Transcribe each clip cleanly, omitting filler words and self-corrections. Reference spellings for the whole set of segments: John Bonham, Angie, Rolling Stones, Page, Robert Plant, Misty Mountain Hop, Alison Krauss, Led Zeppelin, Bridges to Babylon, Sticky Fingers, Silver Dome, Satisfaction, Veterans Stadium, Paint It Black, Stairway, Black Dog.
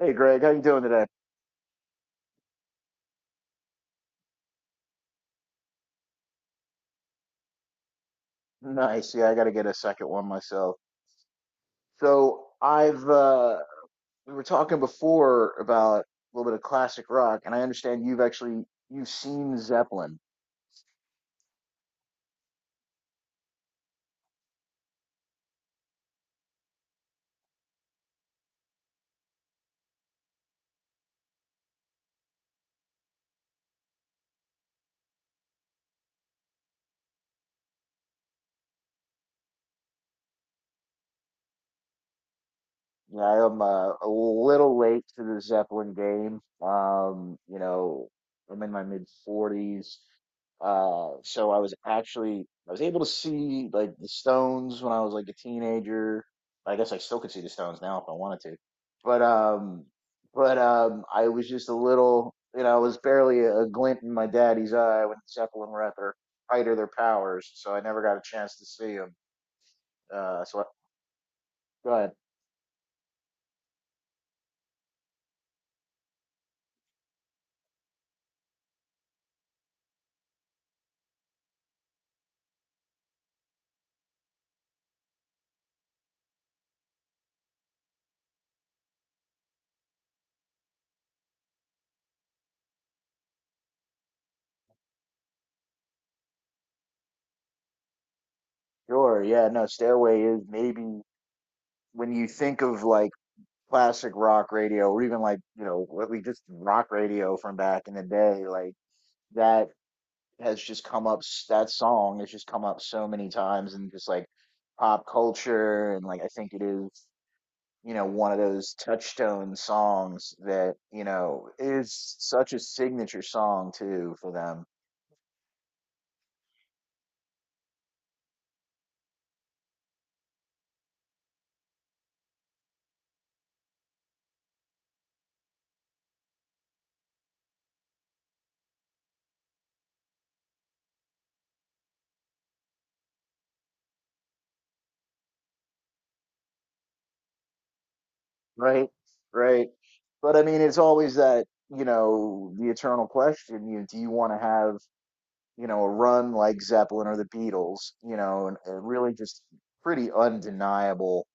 Hey Greg, how you doing today? Nice. Yeah, I got to get a second one myself. So I've we were talking before about a little bit of classic rock, and I understand you've actually you've seen Zeppelin. Yeah, I am a little late to the Zeppelin game. Um, you know, I'm in my mid 40s. So I was able to see like the Stones when I was like a teenager. I guess I still could see the Stones now if I wanted to. But um but I was just a little, you know, I was barely a glint in my daddy's eye when Zeppelin were at their height of their powers, so I never got a chance to see them. Uh so I, go ahead. Sure, yeah, no, Stairway is maybe when you think of like classic rock radio or even, like, you know, what we just rock radio from back in the day, like that has just come up s- that song has just come up so many times in just like pop culture, and like I think it is, you know, one of those touchstone songs that, you know, is such a signature song too for them. Right. Right. But I mean, it's always that, you know, the eternal question. You know, do you want to have, you know, a run like Zeppelin or the Beatles, you know, and really just pretty undeniable,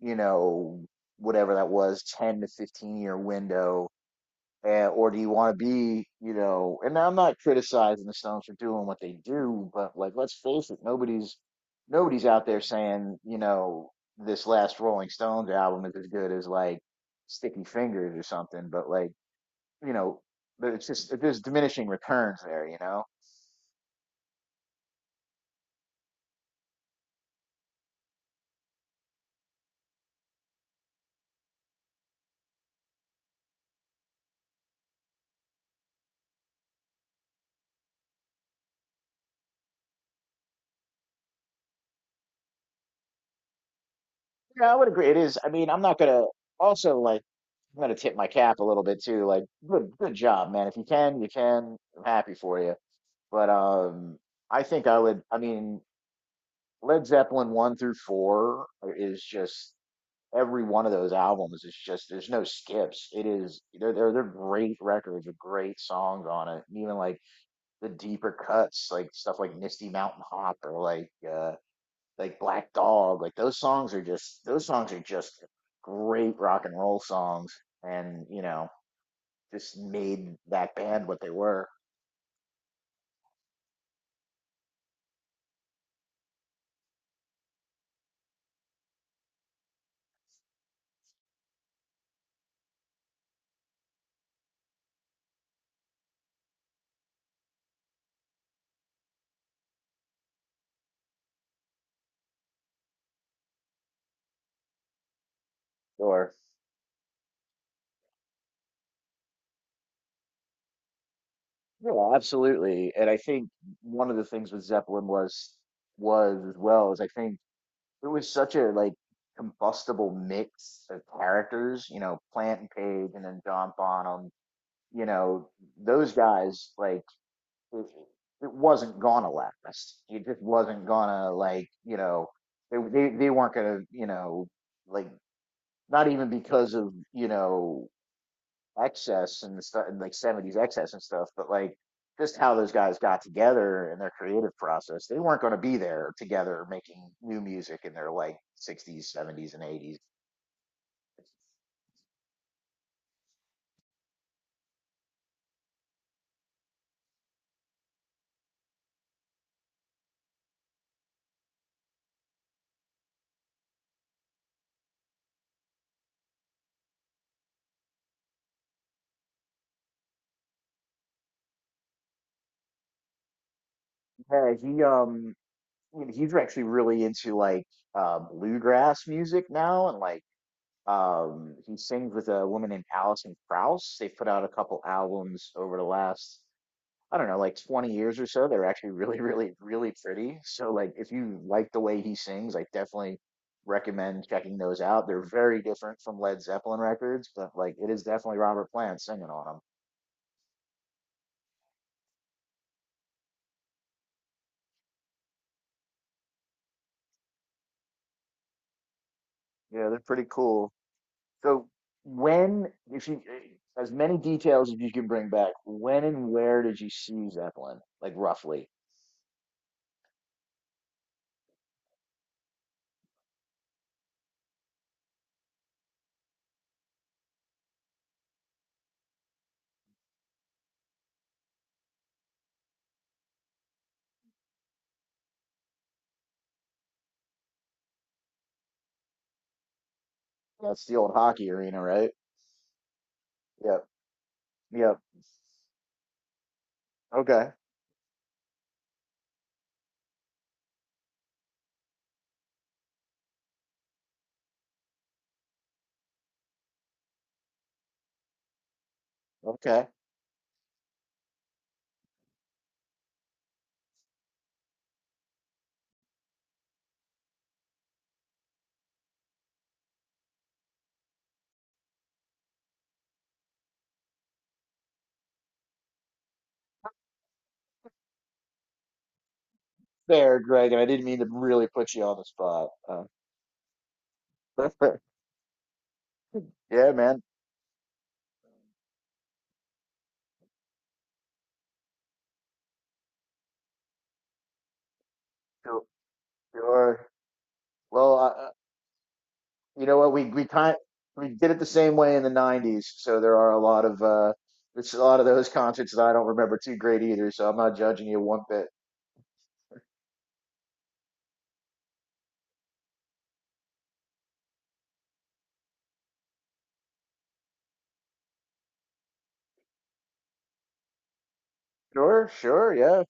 you know, whatever that was, 10 to 15 year window. Or do you want to be, you know, and I'm not criticizing the Stones for doing what they do, but like, let's face it, nobody's out there saying, you know, this last Rolling Stones album is as good as like Sticky Fingers or something, but like, you know, but it's just there's diminishing returns there, you know? Yeah, I would agree. It is. I mean, I'm not gonna also like I'm gonna tip my cap a little bit too. Like, good job, man. If you can, you can. I'm happy for you. But I think I would, I mean, Led Zeppelin one through four is just every one of those albums is just there's no skips. It is they're they're great records with great songs on it. Even like the deeper cuts, like stuff like Misty Mountain Hop or like Black Dog, like those songs are just those songs are just great rock and roll songs, and you know just made that band what they were. Or yeah, absolutely. And I think one of the things with Zeppelin was as well is I think it was such a like combustible mix of characters, you know, Plant and Page, and then John Bonham. You know, those guys like it, it wasn't gonna last. It just wasn't gonna, like, you know, they weren't gonna, you know, like, not even because of, you know, excess and stuff, and like seventies excess and stuff, but like just how those guys got together and their creative process. They weren't gonna be there together making new music in their like sixties, seventies, and eighties. Yeah, he he's actually really into like bluegrass music now, and like he sings with a woman named Alison Krauss. They put out a couple albums over the last, I don't know, like 20 years or so. They're actually really, really, really pretty. So, like, if you like the way he sings, I definitely recommend checking those out. They're very different from Led Zeppelin records, but like, it is definitely Robert Plant singing on them. Yeah, they're pretty cool. So, when, if you, as many details as you can bring back, when and where did you see Zeppelin? Like, roughly. That's the old hockey arena, right? Yeah. Yep. Okay. Okay. Fair, Greg, and I didn't mean to really put you on the spot. That's fair. Yeah, man. Sure. Sure. Well, you know what? We did it the same way in the '90s, so there are a lot of there's a lot of those concerts that I don't remember too great either. So I'm not judging you one bit. Sure. Sure. Yeah.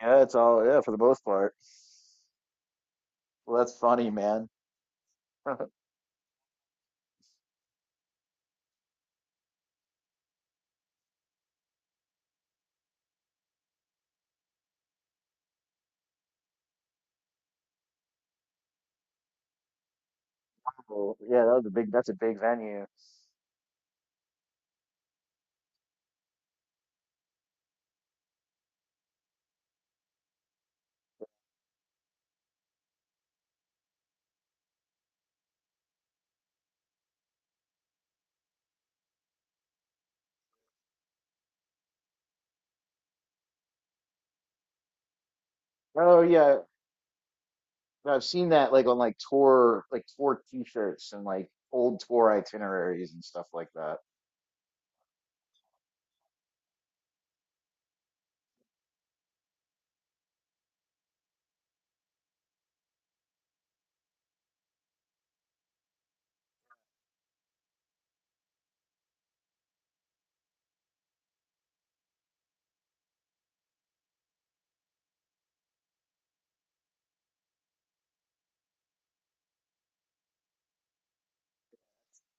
Yeah. It's all yeah for the most part. Well, that's funny, man. Cool. Yeah, that was a big. That's a big venue. Oh yeah, I've seen that like on like tour T-shirts and like old tour itineraries and stuff like that.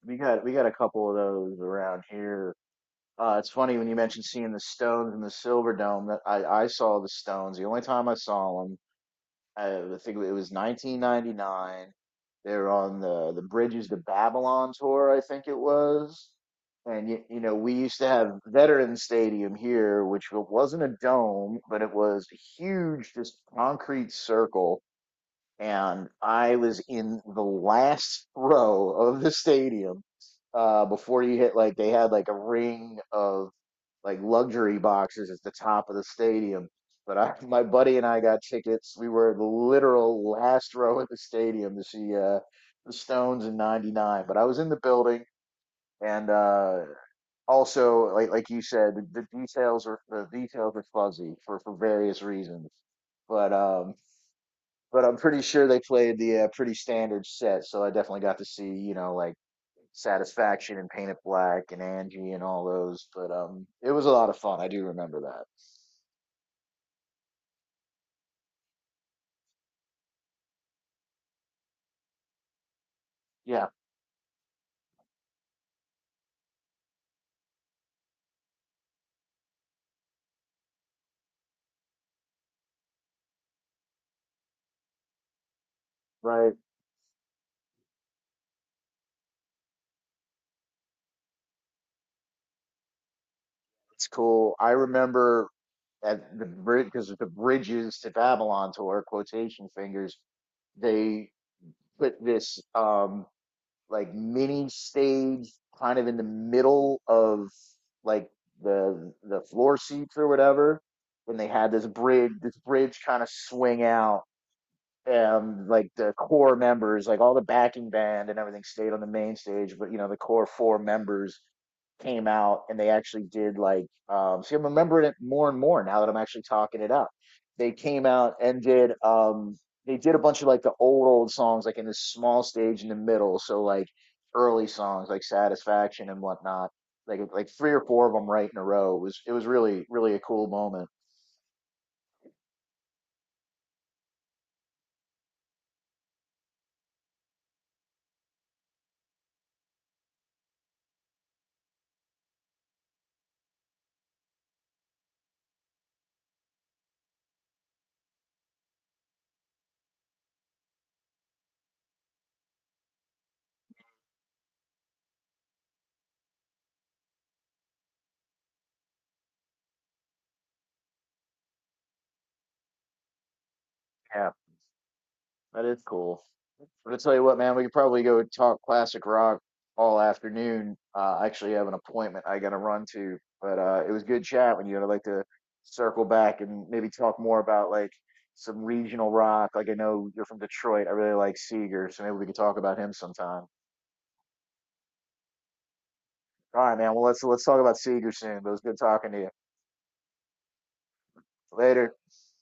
We got a couple of those around here. It's funny when you mentioned seeing the Stones in the Silver Dome that I saw the Stones. The only time I saw them. I think it was 1999. They were on the Bridges to Babylon tour, I think it was. And you know, we used to have Veterans Stadium here, which wasn't a dome, but it was a huge, just concrete circle, and I was in the last row of the stadium before you hit like they had like a ring of like luxury boxes at the top of the stadium. But I, my buddy and I got tickets. We were the literal last row in the stadium to see the Stones in '99. But I was in the building, and also like you said, the details are fuzzy for various reasons. But um, but I'm pretty sure they played the pretty standard set, so I definitely got to see, you know, like Satisfaction and Paint It Black and Angie and all those. But it was a lot of fun. I do remember that. Yeah, right. It's cool. I remember at the bridge, because the Bridges to Babylon tour, quotation fingers, they put this like mini stage kind of in the middle of like the floor seats or whatever, when they had this bridge kind of swing out, like the core members, like all the backing band and everything stayed on the main stage, but you know, the core four members came out, and they actually did like see I'm remembering it more and more now that I'm actually talking it up. They came out and did they did a bunch of like the old old songs like in this small stage in the middle. So like early songs like Satisfaction and whatnot. Like three or four of them right in a row. It was really, really a cool moment. Yeah, that is cool. But I tell you what, man, we could probably go talk classic rock all afternoon. I actually have an appointment I got to run to, but it was good chat with you. And I'd like to circle back and maybe talk more about like some regional rock. Like I know you're from Detroit. I really like Seeger, so maybe we could talk about him sometime. All right, man. Well, let's talk about Seeger soon. But it was good talking to you. Later.